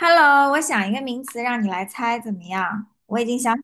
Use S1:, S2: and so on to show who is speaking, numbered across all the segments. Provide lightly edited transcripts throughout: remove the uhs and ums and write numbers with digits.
S1: Hello，我想一个名词让你来猜，怎么样？我已经想，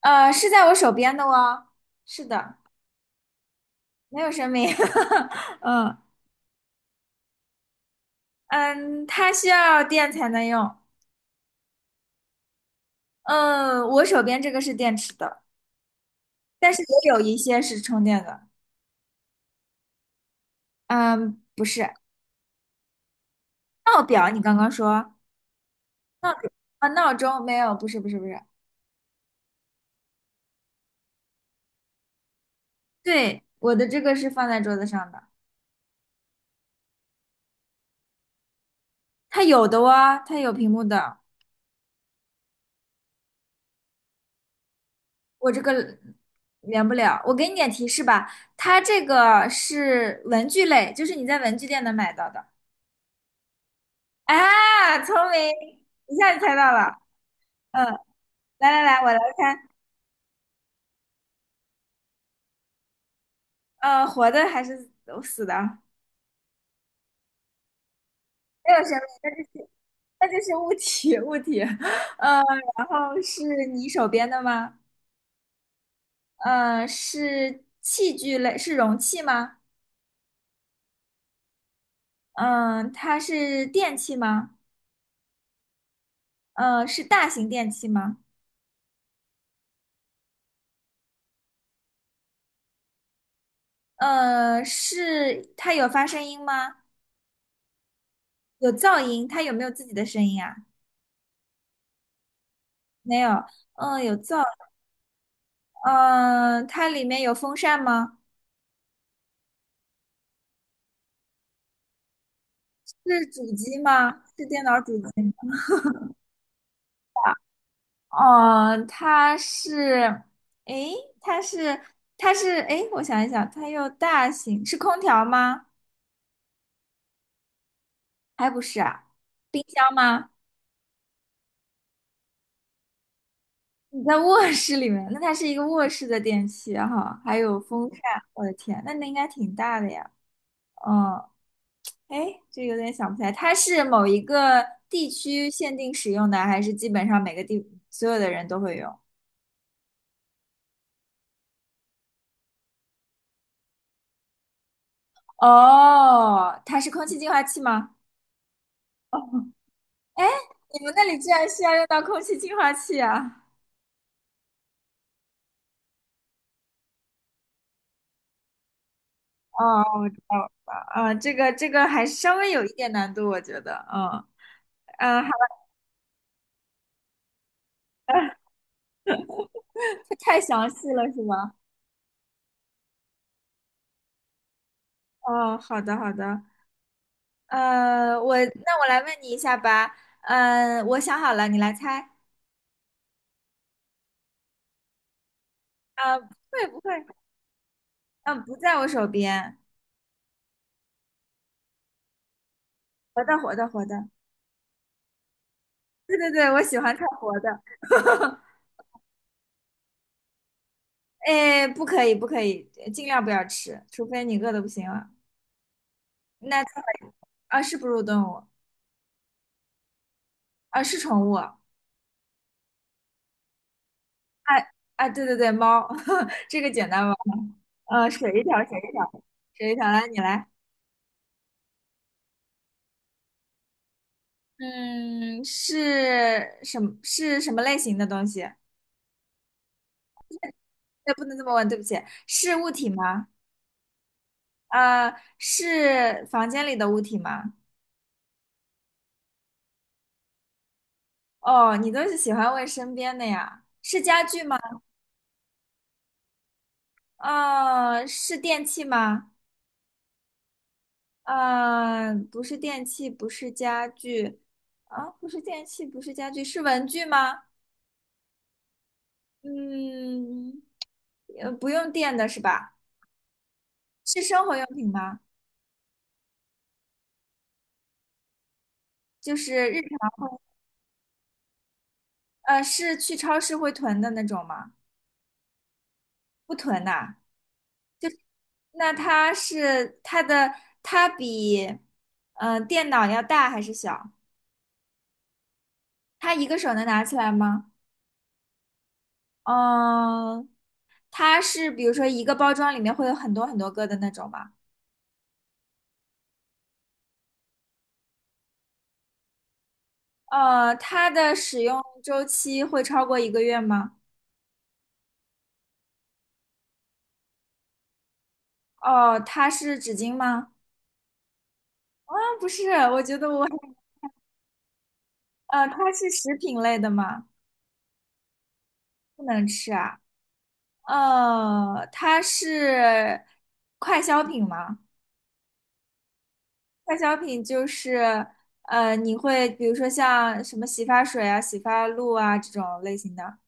S1: 是在我手边的哦。是的，没有生命。嗯嗯，它需要电才能用。嗯，我手边这个是电池的，但是也有一些是充电的。嗯，不是闹表，你刚刚说啊，闹钟没有，不是不是不是。对，我的这个是放在桌子上的，它有的哦，它有屏幕的。我这个连不了，我给你点提示吧，它这个是文具类，就是你在文具店能买到的。啊，聪明，一下就猜到了。嗯，来来来，我来猜，活的还是死的？没有生命，那就是物体，物体。嗯，然后是你手边的吗？嗯，是器具类，是容器吗？嗯、它是电器吗？嗯，是大型电器吗？嗯，是它有发声音吗？有噪音，它有没有自己的声音啊？没有。嗯，有噪。嗯，它里面有风扇吗？是主机吗？是电脑主机吗？哦，它是，诶，它是，它是，诶，我想一想，它又大型，是空调吗？还不是啊，冰箱吗？你在卧室里面，那它是一个卧室的电器哈，还有风扇，我的天，那应该挺大的呀。嗯，哎，这有点想不起来，它是某一个地区限定使用的，还是基本上每个地所有的人都会有？哦，它是空气净化器吗？哦，你们那里居然需要用到空气净化器啊？哦，我知道了，啊，这个还稍微有一点难度，我觉得，嗯嗯，好的，太详细了是吗？哦，好的好的，我那我来问你一下吧，我想好了，你来猜，不会不会，嗯，不在我手边，活的活的活的。对对对，我喜欢看活的。哎，不可以不可以，尽量不要吃，除非你饿的不行了。那最后啊，是哺乳动物啊，是宠物。哎啊，对对对，猫，这个简单吧？水一条，水一条，水一条，来你来。嗯，是什么？是什么类型的东西？对，不能这么问，对不起，是物体吗？是房间里的物体吗？哦，你都是喜欢问身边的呀？是家具吗？是电器吗？嗯，不是电器，不是家具，啊，不是电器，不是家具，是文具吗？嗯，不用电的是吧？是生活用品吗？就是日常，是去超市会囤的那种吗？不囤呐。那它是它的，它比，嗯，电脑要大还是小？它一个手能拿起来吗？嗯，它是比如说一个包装里面会有很多很多个的那种吗？它的使用周期会超过一个月吗？哦，它是纸巾吗？啊，不是，我觉得我，它是食品类的吗？不能吃啊。它是快消品吗？快消品就是，你会比如说像什么洗发水啊、洗发露啊这种类型的，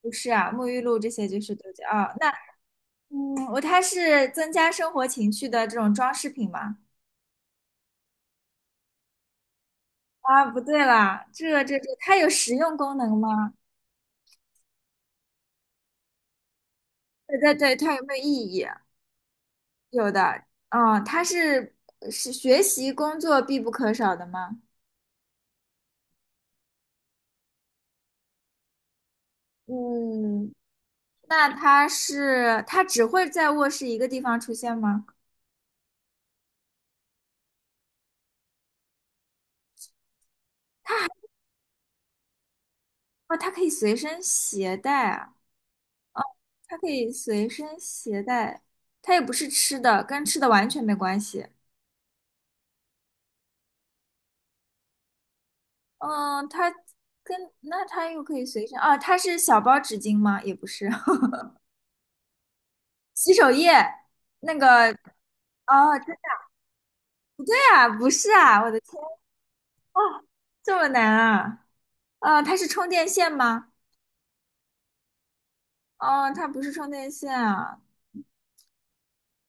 S1: 不是啊，沐浴露这些就是都叫啊。嗯，我它是增加生活情趣的这种装饰品吗？啊，不对啦，这，它有实用功能吗？对对对，它有没有意义？有的，嗯，它是学习工作必不可少的吗？嗯，那它是它只会在卧室一个地方出现吗？哦，它可以随身携带啊，它可以随身携带，它也不是吃的，跟吃的完全没关系。嗯，它跟那它又可以随身啊，它是小包纸巾吗？也不是，洗手液那个哦，真的呀，不是啊，我的天，这么难啊？啊，它是充电线吗？哦，它不是充电线啊，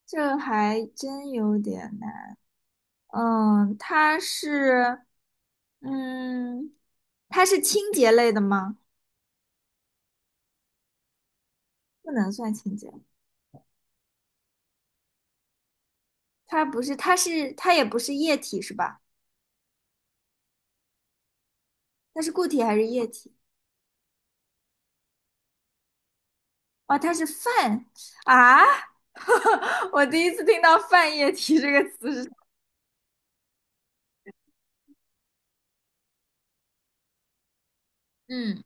S1: 这还真有点难。嗯，它是嗯，它是清洁类的吗？不能算清洁，它不是，它是它也不是液体是吧？它是固体还是液体？哦，它是泛啊！我第一次听到“泛液体”这个词是什么嗯，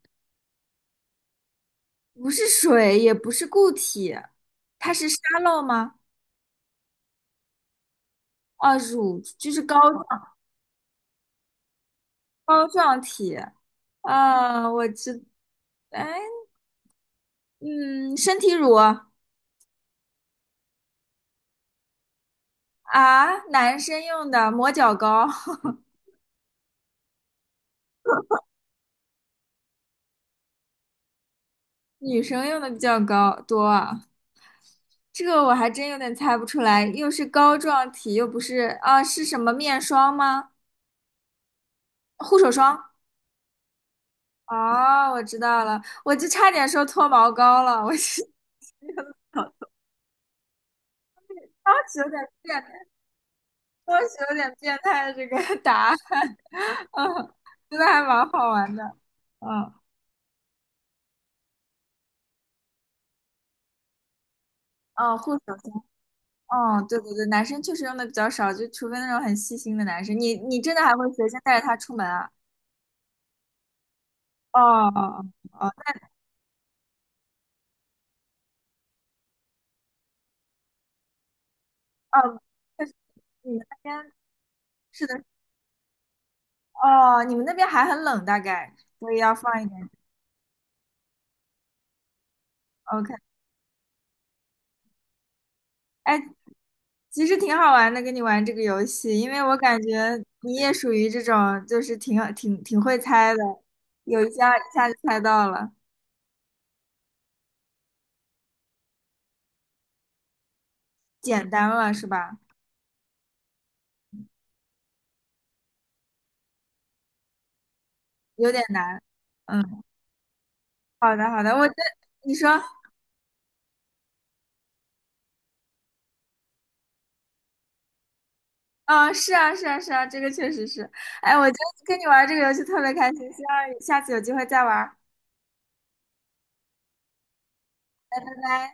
S1: 不是水，也不是固体，它是沙漏吗？哦，乳就是膏状膏状体。啊，我知，哎，嗯，身体乳啊，男生用的磨脚膏，女生用的比较高多啊。这个我还真有点猜不出来，又是膏状体，又不是啊，是什么面霜吗？护手霜。哦，我知道了，我就差点说脱毛膏了，我是 当时有点变态，当时有点变态的这个答案，嗯，真的还蛮好玩的，嗯，嗯护手霜，哦，对对对，男生确实用的比较少，就除非那种很细心的男生，你你真的还会随身带着它出门啊？哦哦哦，哦，确实你们那边是的，哦，你们那边还很冷，大概，所以要放一点，OK。哎，其实挺好玩的，跟你玩这个游戏，因为我感觉你也属于这种，就是挺会猜的，有一下一下就猜到了，简单了是吧？有点难。嗯，好的好的，我觉得你说，啊是啊是啊是啊，这个确实是。哎，我觉得跟你玩这个游戏特别开心，希望下次有机会再玩儿。拜拜。